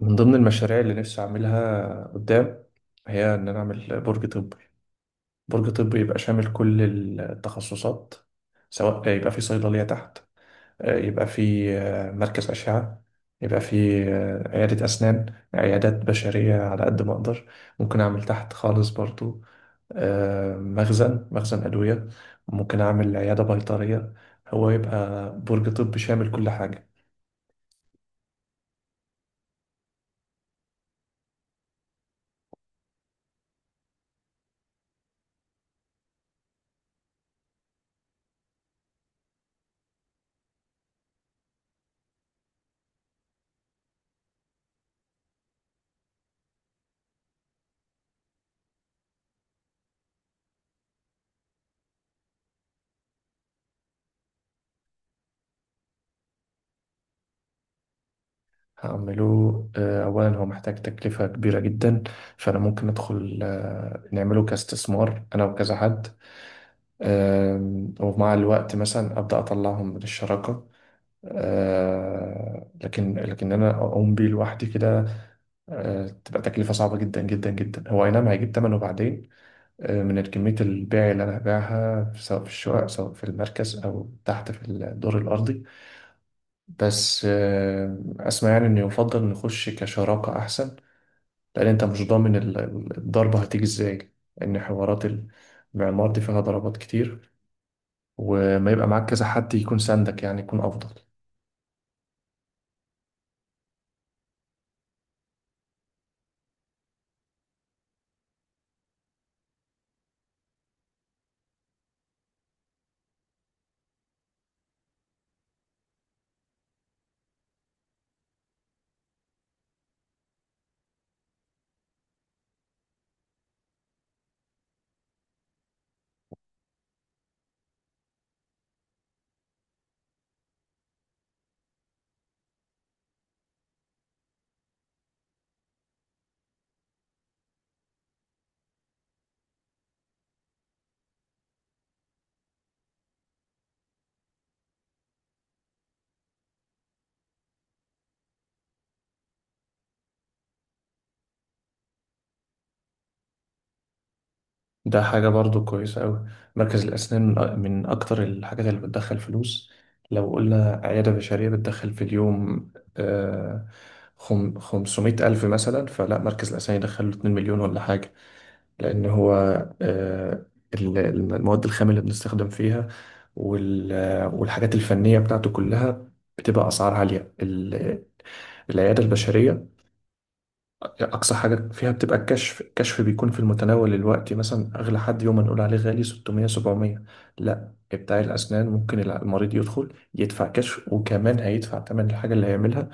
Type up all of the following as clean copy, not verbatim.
من ضمن المشاريع اللي نفسي أعملها قدام هي إن أنا أعمل برج طبي. برج طبي يبقى شامل كل التخصصات، سواء يبقى في صيدلية تحت، يبقى في مركز أشعة، يبقى في عيادة أسنان، عيادات بشرية على قد ما أقدر. ممكن أعمل تحت خالص برضو مخزن أدوية، ممكن أعمل عيادة بيطرية. هو يبقى برج طبي شامل كل حاجة. هعمله. أولا هو محتاج تكلفة كبيرة جدا، فأنا ممكن أدخل نعمله كاستثمار أنا وكذا حد. ومع الوقت مثلا أبدأ أطلعهم من الشراكة. لكن أنا أقوم بيه لوحدي كده، تبقى تكلفة صعبة جدا جدا جدا. هو أي نعم هيجيب تمنه بعدين، من كمية البيع اللي أنا هبيعها، سواء في الشقق سواء في المركز أو تحت في الدور الأرضي. بس أسمع يعني إن يفضل نخش كشراكة أحسن، لأن أنت مش ضامن الضربة هتيجي إزاي، لأن حوارات المعمار دي فيها ضربات كتير، وما يبقى معاك كذا حد يكون ساندك يعني يكون أفضل. ده حاجة برضو كويسة أوي. مركز الأسنان من من أكتر الحاجات اللي بتدخل فلوس. لو قلنا عيادة بشرية بتدخل في اليوم، آه، 500 ألف مثلا، فلا مركز الأسنان يدخل له 2 مليون ولا حاجة. لأن هو آه، المواد الخام اللي بنستخدم فيها والحاجات الفنية بتاعته كلها بتبقى أسعار عالية. العيادة البشرية أقصى حاجة فيها بتبقى الكشف. الكشف بيكون في المتناول الوقت، مثلا أغلى حد يوم ما نقول عليه غالي 600 700. لا، بتاع الأسنان ممكن المريض يدخل يدفع كشف وكمان هيدفع تمن الحاجة اللي هيعملها،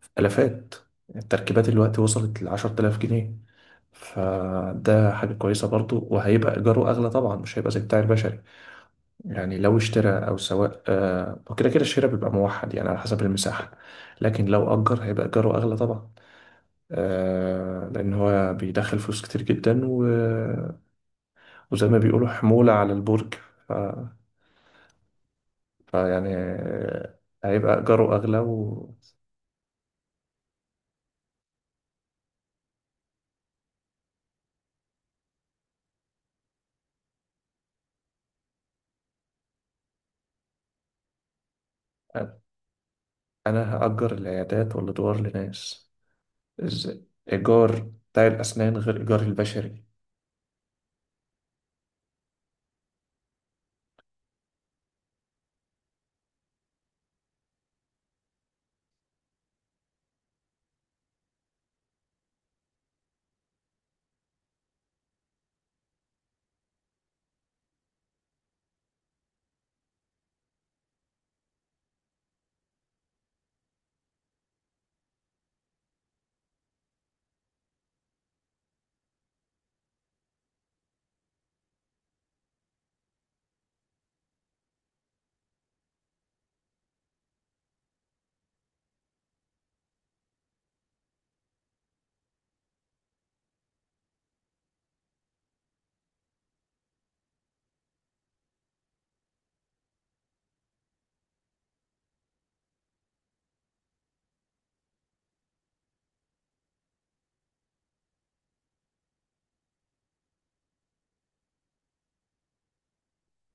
في آلافات. التركيبات الوقت وصلت ل 10000 جنيه. فده حاجة كويسة برضو، وهيبقى إيجاره أغلى طبعا، مش هيبقى زي بتاع البشري. يعني لو اشترى أو سواء وكده كده الشراء بيبقى موحد يعني على حسب المساحة، لكن لو أجر هيبقى إيجاره أغلى طبعا. لأن هو بيدخل فلوس كتير جدا، و... وزي ما بيقولوا حمولة على البرج. ف... فيعني هيبقى إيجاره أغلى. وأنا هأجر العيادات والأدوار لناس. إز- إيجار بتاع الأسنان غير إيجار البشري.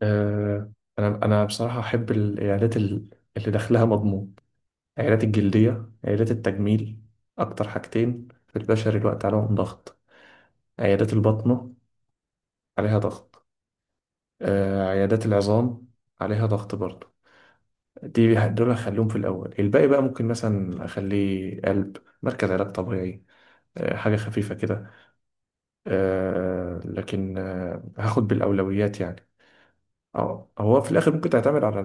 آه، انا بصراحه احب العيادات اللي دخلها مضمون. عيادات الجلديه، عيادات التجميل، اكتر حاجتين في البشر الوقت عليهم ضغط. عيادات البطنه عليها ضغط، عيادات العظام عليها ضغط برضه. دي دول هخليهم في الاول. الباقي بقى ممكن مثلا اخليه قلب، مركز علاج طبيعي، حاجه خفيفه كده. لكن هاخد بالاولويات يعني. اه هو في الاخر ممكن تعتمد على...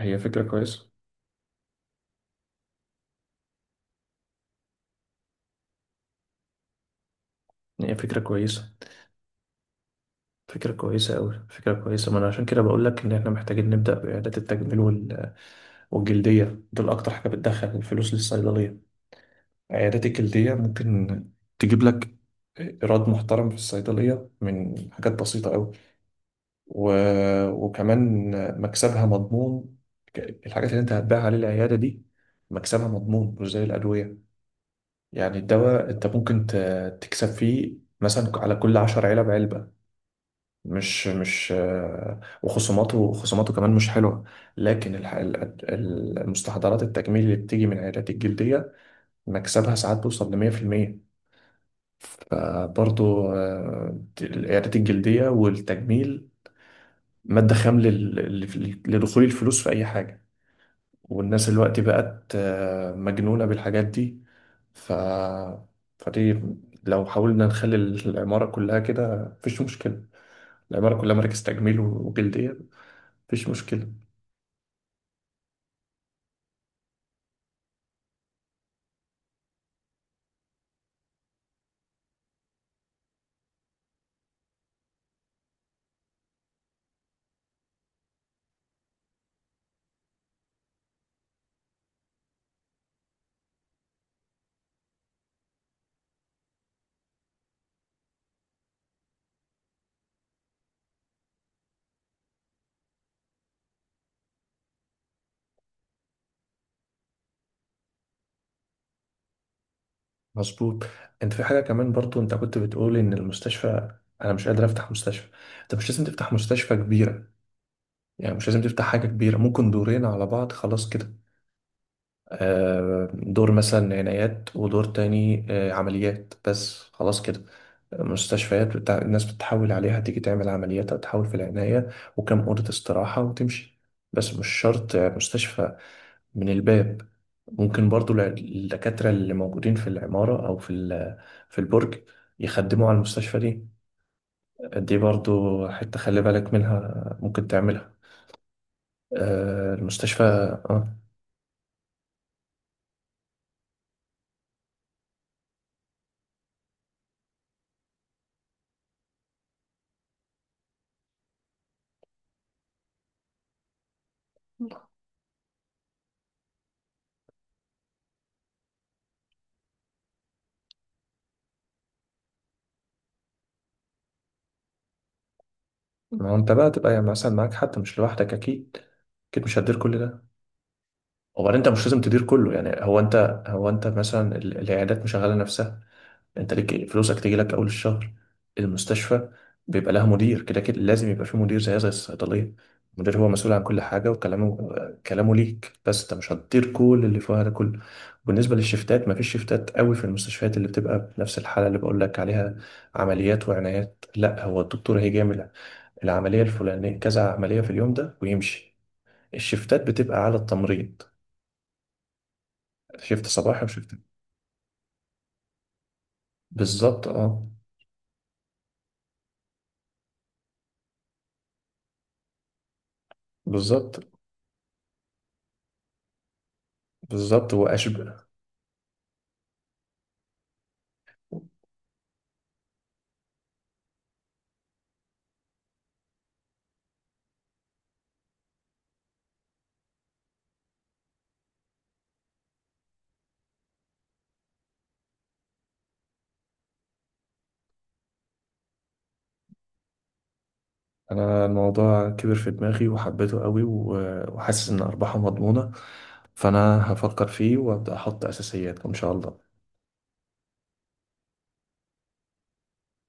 هي فكره كويسه. هي فكرة كويسة. فكرة كويسة أوي. فكرة كويسة. ما أنا عشان كده بقول لك إن إحنا محتاجين نبدأ بعيادات التجميل والجلدية. دول أكتر حاجة بتدخل الفلوس للصيدلية. عيادات الجلدية ممكن تجيب لك إيراد محترم في الصيدلية من حاجات بسيطة أوي. و... وكمان مكسبها مضمون. الحاجات اللي أنت هتبيعها للعيادة دي مكسبها مضمون مش زي الأدوية. يعني الدواء أنت ممكن تكسب فيه مثلا على كل عشر علب علبة. مش مش وخصوماته كمان مش حلوة. لكن المستحضرات التجميل اللي بتيجي من العيادات الجلدية مكسبها ساعات بيوصل لمية في المية. فبرضو العيادات الجلدية والتجميل مادة خام لدخول الفلوس في أي حاجة. والناس دلوقتي بقت مجنونة بالحاجات دي. ف... فدي لو حاولنا نخلي العمارة كلها كده مفيش مشكلة. العمارة كلها مراكز تجميل وجلدية، مفيش مشكلة. مظبوط. انت في حاجه كمان برضو، انت كنت بتقول ان المستشفى انا مش قادر افتح مستشفى. انت مش لازم تفتح مستشفى كبيره، يعني مش لازم تفتح حاجه كبيره، ممكن دورين على بعض خلاص كده. دور مثلا عنايات ودور تاني عمليات بس خلاص كده. مستشفيات بتاع الناس بتحاول عليها تيجي تعمل عمليات او تحاول في العنايه وكم اوضه استراحه وتمشي، بس مش شرط مستشفى من الباب. ممكن برضو الدكاترة اللي موجودين في العمارة أو في البرج يخدموا على المستشفى دي. دي برضو حتة خلي بالك منها، ممكن تعملها المستشفى. اه، ما هو انت بقى تبقى يعني مثلا معاك حد مش لوحدك اكيد. اكيد مش هتدير كل ده. وبعدين انت مش لازم تدير كله. يعني هو انت مثلا العيادات مشغله نفسها. انت ليك فلوسك تيجي لك اول الشهر. المستشفى بيبقى لها مدير كده كده، لازم يبقى في مدير زي الصيدليه. المدير هو مسؤول عن كل حاجه، وكلامه، كلامه ليك. بس انت مش هتطير كل اللي فيها ده كله. بالنسبه للشفتات، مفيش شفتات قوي في المستشفيات اللي بتبقى بنفس الحاله اللي بقول لك عليها، عمليات وعنايات. لا، هو الدكتور هيجامل، العمليه الفلانيه، كذا عمليه في اليوم ده ويمشي. الشفتات بتبقى على التمريض، شفت صباحي وشفت... بالظبط، اه. بالظبط. بالظبط واشبه. انا الموضوع كبر في دماغي وحبيته قوي، وحاسس ان ارباحه مضمونة. فانا هفكر فيه وابدا احط اساسيات ان شاء الله.